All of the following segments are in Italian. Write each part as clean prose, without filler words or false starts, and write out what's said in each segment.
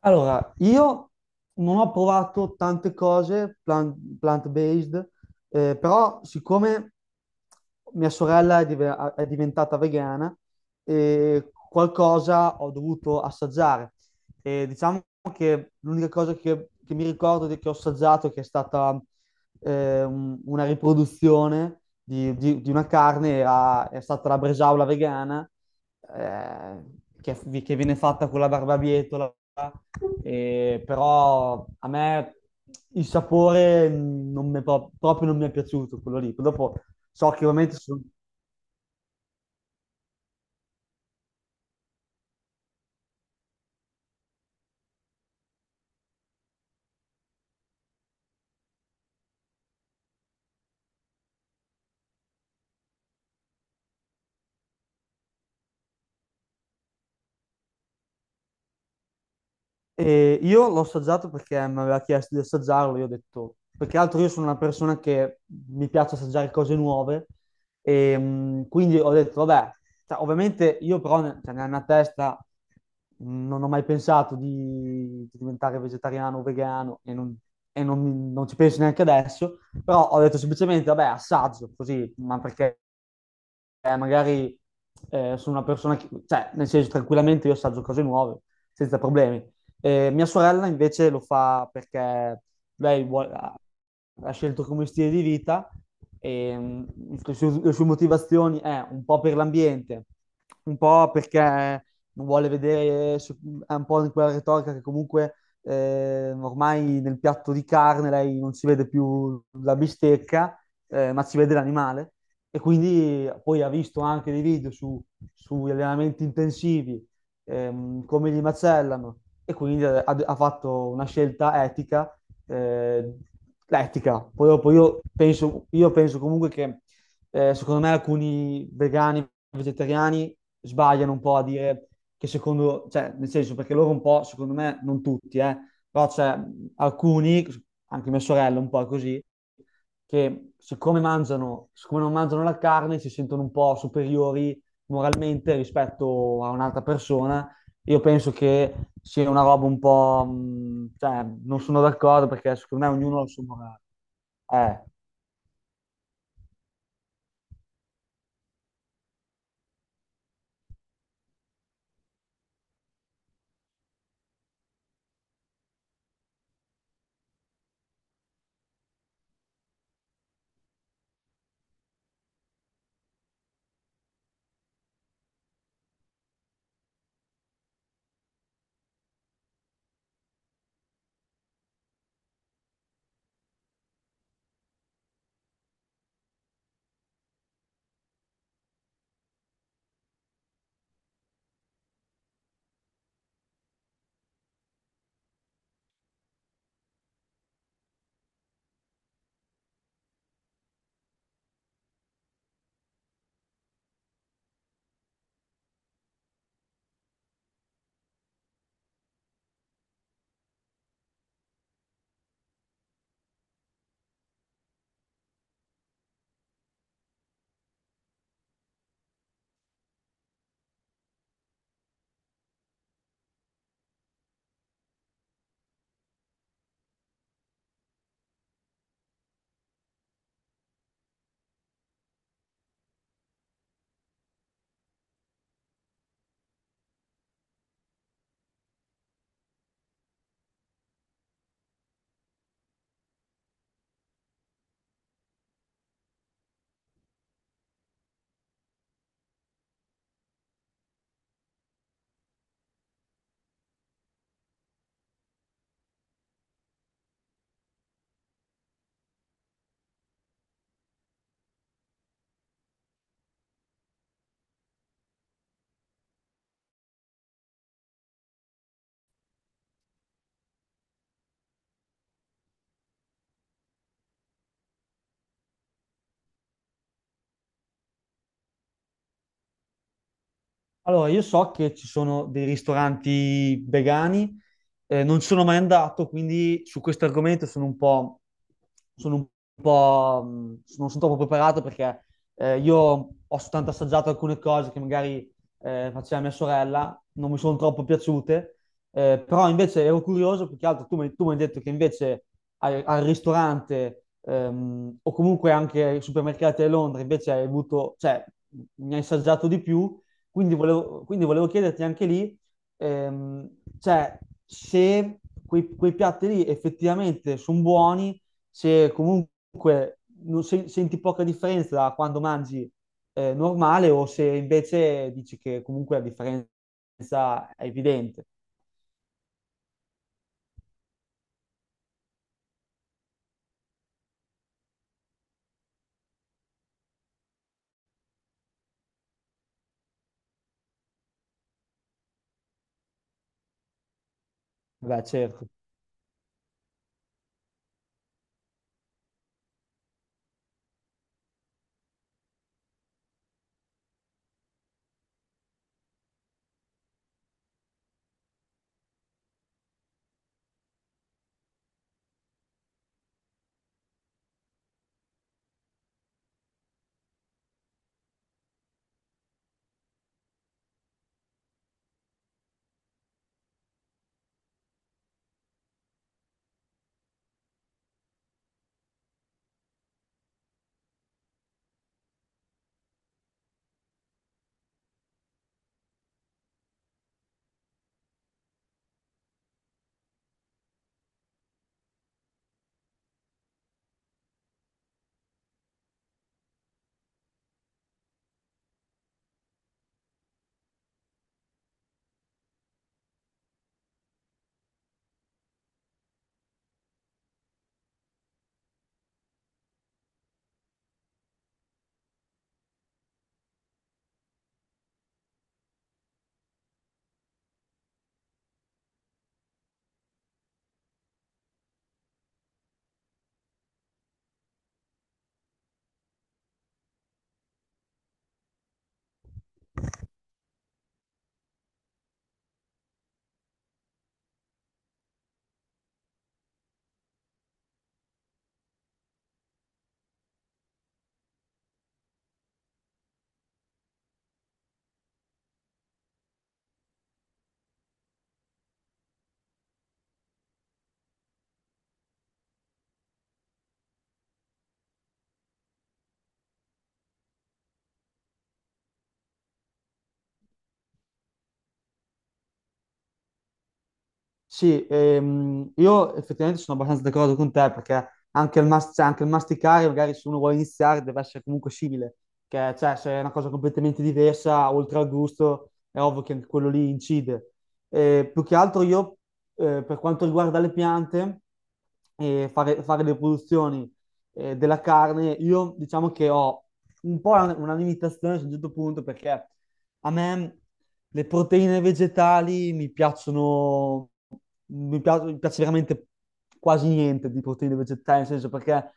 Allora, io non ho provato tante cose plant, based però siccome mia sorella è, è diventata vegana, qualcosa ho dovuto assaggiare. E diciamo che l'unica cosa che mi ricordo che ho assaggiato, che è stata una riproduzione di una carne, è stata la bresaola vegana eh, che, che viene fatta con la barbabietola, però a me il sapore non mi è proprio non mi è piaciuto quello lì. Dopo so che ovviamente sono. E io l'ho assaggiato perché mi aveva chiesto di assaggiarlo. Io ho detto, perché altro io sono una persona che mi piace assaggiare cose nuove, e quindi ho detto, vabbè, cioè, ovviamente io cioè, nella mia testa non ho mai pensato di diventare vegetariano o vegano e, non, e non ci penso neanche adesso, però ho detto semplicemente, vabbè, assaggio così, ma perché magari sono una persona che, cioè, nel senso, tranquillamente io assaggio cose nuove, senza problemi. Mia sorella invece lo fa perché ha, ha scelto come stile di vita e le sue motivazioni è un po' per l'ambiente, un po' perché non vuole vedere, è un po' in quella retorica che comunque ormai nel piatto di carne lei non si vede più la bistecca, ma si vede l'animale. E quindi poi ha visto anche dei video su, sugli allenamenti intensivi, come li macellano, e quindi ha fatto una scelta etica, eh, l'etica. Poi dopo io penso comunque che secondo me alcuni vegani, vegetariani sbagliano un po' a dire che secondo, cioè nel senso perché loro un po', secondo me, non tutti, però c'è alcuni, anche mia sorella un po' è così, che siccome non mangiano la carne, si sentono un po' superiori moralmente rispetto a un'altra persona. Io penso che sia una roba un po', cioè, non sono d'accordo perché secondo me ognuno ha il suo morale. Eh. Allora, io so che ci sono dei ristoranti vegani, non ci sono mai andato, quindi su questo argomento sono un po', mh, non sono troppo preparato perché io ho soltanto assaggiato alcune cose che magari faceva mia sorella, non mi sono troppo piaciute, però invece ero curioso, perché altro tu mi hai detto che invece al ristorante o comunque anche ai supermercati di Londra invece hai avuto, cioè, mi hai assaggiato di più. Quindi volevo chiederti anche lì, ehm, cioè, se quei piatti lì effettivamente sono buoni, se comunque non senti poca differenza da quando mangi normale, o se invece dici che comunque la differenza è evidente. Beh, certo. Sì, io effettivamente sono abbastanza d'accordo con te perché anche cioè, anche il masticare, magari se uno vuole iniziare, deve essere comunque simile, che cioè, se è una cosa completamente diversa, oltre al gusto, è ovvio che anche quello lì incide. Più che altro io, per quanto riguarda le piante, e fare le produzioni della carne, io diciamo che ho un po' una limitazione a un certo punto perché a me le proteine vegetali mi piacciono, mi piace veramente quasi niente di proteine vegetali, nel senso perché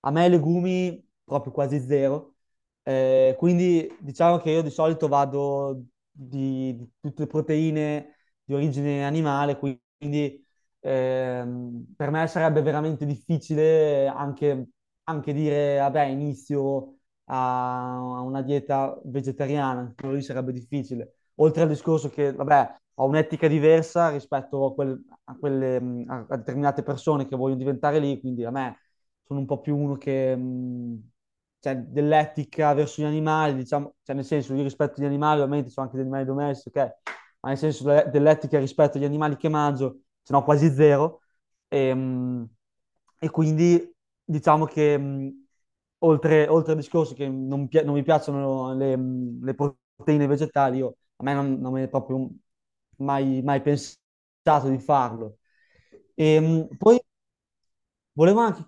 a me i legumi proprio quasi zero. Quindi diciamo che io di solito vado di tutte le proteine di origine animale, quindi per me sarebbe veramente difficile anche, anche dire, vabbè, inizio a una dieta vegetariana, anche quello lì sarebbe difficile. Oltre al discorso che, vabbè, ho un'etica diversa rispetto a quelle, a determinate persone che vogliono diventare lì, quindi a me sono un po' più uno che, cioè, dell'etica verso gli animali, diciamo, cioè, nel senso, io rispetto gli animali, ovviamente sono anche degli animali domestici, ok? Ma nel senso dell'etica rispetto agli animali che mangio, se no quasi zero. E, mh, e quindi diciamo che oltre al discorso che non mi piacciono le proteine vegetali, a me non me ne è proprio mai pensato di farlo. E, poi volevo anche...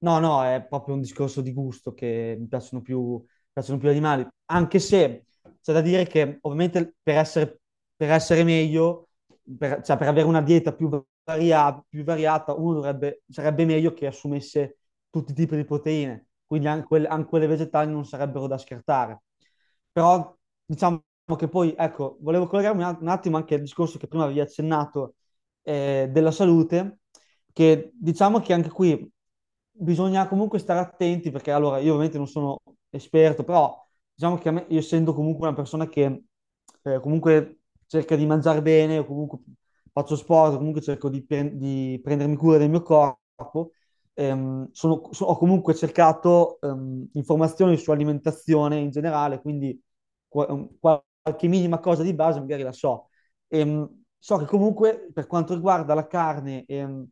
No, no, è proprio un discorso di gusto che mi piacciono più gli animali, anche se c'è da dire che ovviamente per essere meglio, per, cioè per avere una dieta più più variata, uno dovrebbe, sarebbe meglio che assumesse tutti i tipi di proteine, quindi anche, anche quelle vegetali non sarebbero da scartare. Però diciamo che poi, ecco, volevo collegarmi un attimo anche al discorso che prima avevi accennato della salute, che diciamo che anche qui quindi bisogna comunque stare attenti perché allora io ovviamente non sono esperto, però diciamo che a me, io essendo comunque una persona che comunque cerca di mangiare bene, o comunque faccio sport, o comunque cerco di, di prendermi cura del mio corpo, ho comunque cercato informazioni su alimentazione in generale, quindi qua- qualche minima cosa di base magari la so. Ehm, so che comunque per quanto riguarda la carne,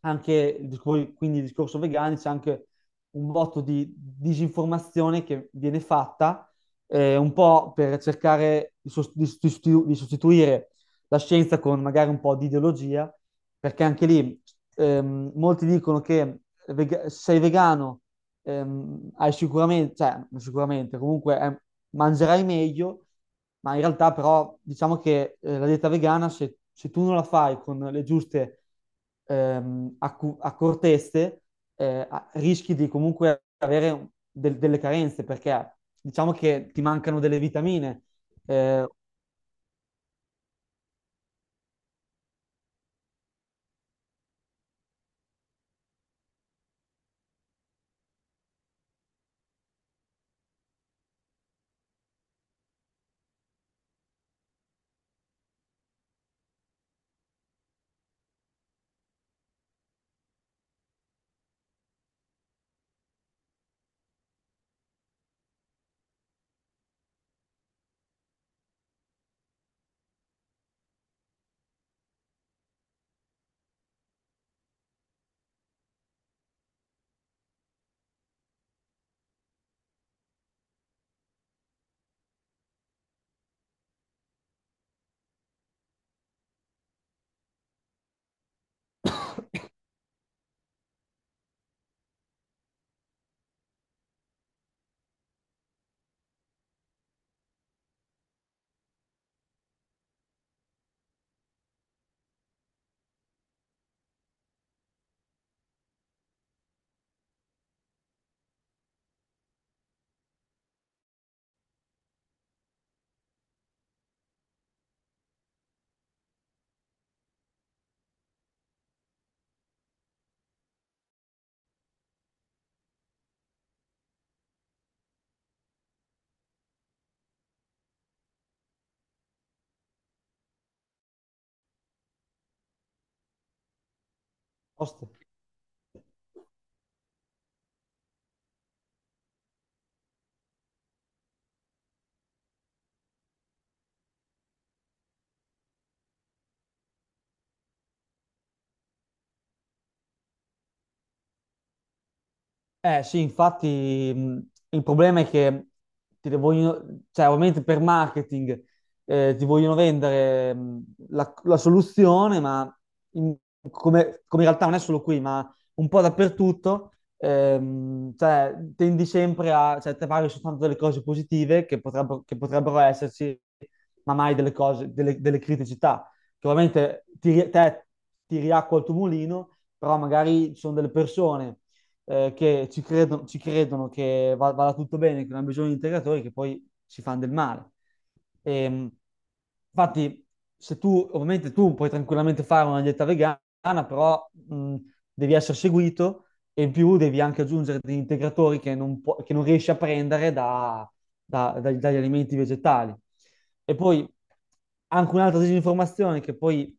anche il quindi il discorso vegano, c'è anche un botto di disinformazione che viene fatta, un po' per cercare di di sostituire la scienza con magari un po' di ideologia, perché anche lì molti dicono che se sei vegano hai sicuramente, cioè non sicuramente, comunque mangerai meglio, ma in realtà però diciamo che la dieta vegana, se, se tu non la fai con le giuste accortezze, rischi di comunque avere delle carenze, perché diciamo che ti mancano delle vitamine. Eh, oste. Eh sì, infatti il problema è che ti vogliono, cioè ovviamente per marketing ti vogliono vendere la soluzione, ma in- come, come in realtà non è solo qui, ma un po' dappertutto, cioè, tendi sempre a, cioè, te parli soltanto delle cose positive che potrebbero esserci, ma mai delle cose, delle criticità, che ovviamente ti riacqua il tuo mulino, però magari ci sono delle persone ci credono che vada tutto bene, che non hanno bisogno di integratori, che poi ci fanno del male. Ehm, infatti, se tu, ovviamente tu puoi tranquillamente fare una dieta vegana, però devi essere seguito e in più devi anche aggiungere degli integratori che non, pu- che non riesci a prendere dagli alimenti vegetali. E poi anche un'altra disinformazione che poi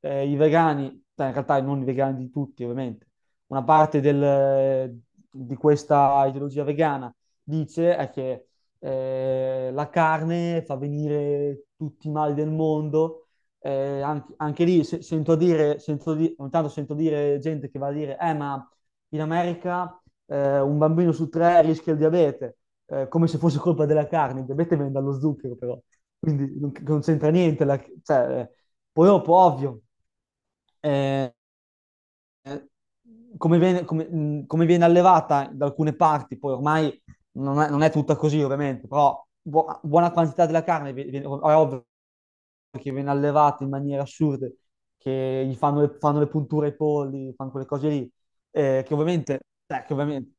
i vegani, beh, in realtà non i vegani di tutti ovviamente, una parte di questa ideologia vegana dice è che la carne fa venire tutti i mali del mondo. Anche, anche lì sento dire, sento ogni tanto sento dire gente che va a dire, ma in America un bambino su 3 rischia il diabete, come se fosse colpa della carne. Il diabete viene dallo zucchero, però, quindi non, non c'entra niente. Cioè, poi dopo, ovvio, eh, eh, come viene, come viene allevata da alcune parti, poi ormai non è, non è tutta così ovviamente, però buona quantità della carne è ovvio che viene allevata in maniere assurde, che gli fanno le punture ai polli, fanno quelle cose lì, eh, che ovviamente, che ovviamente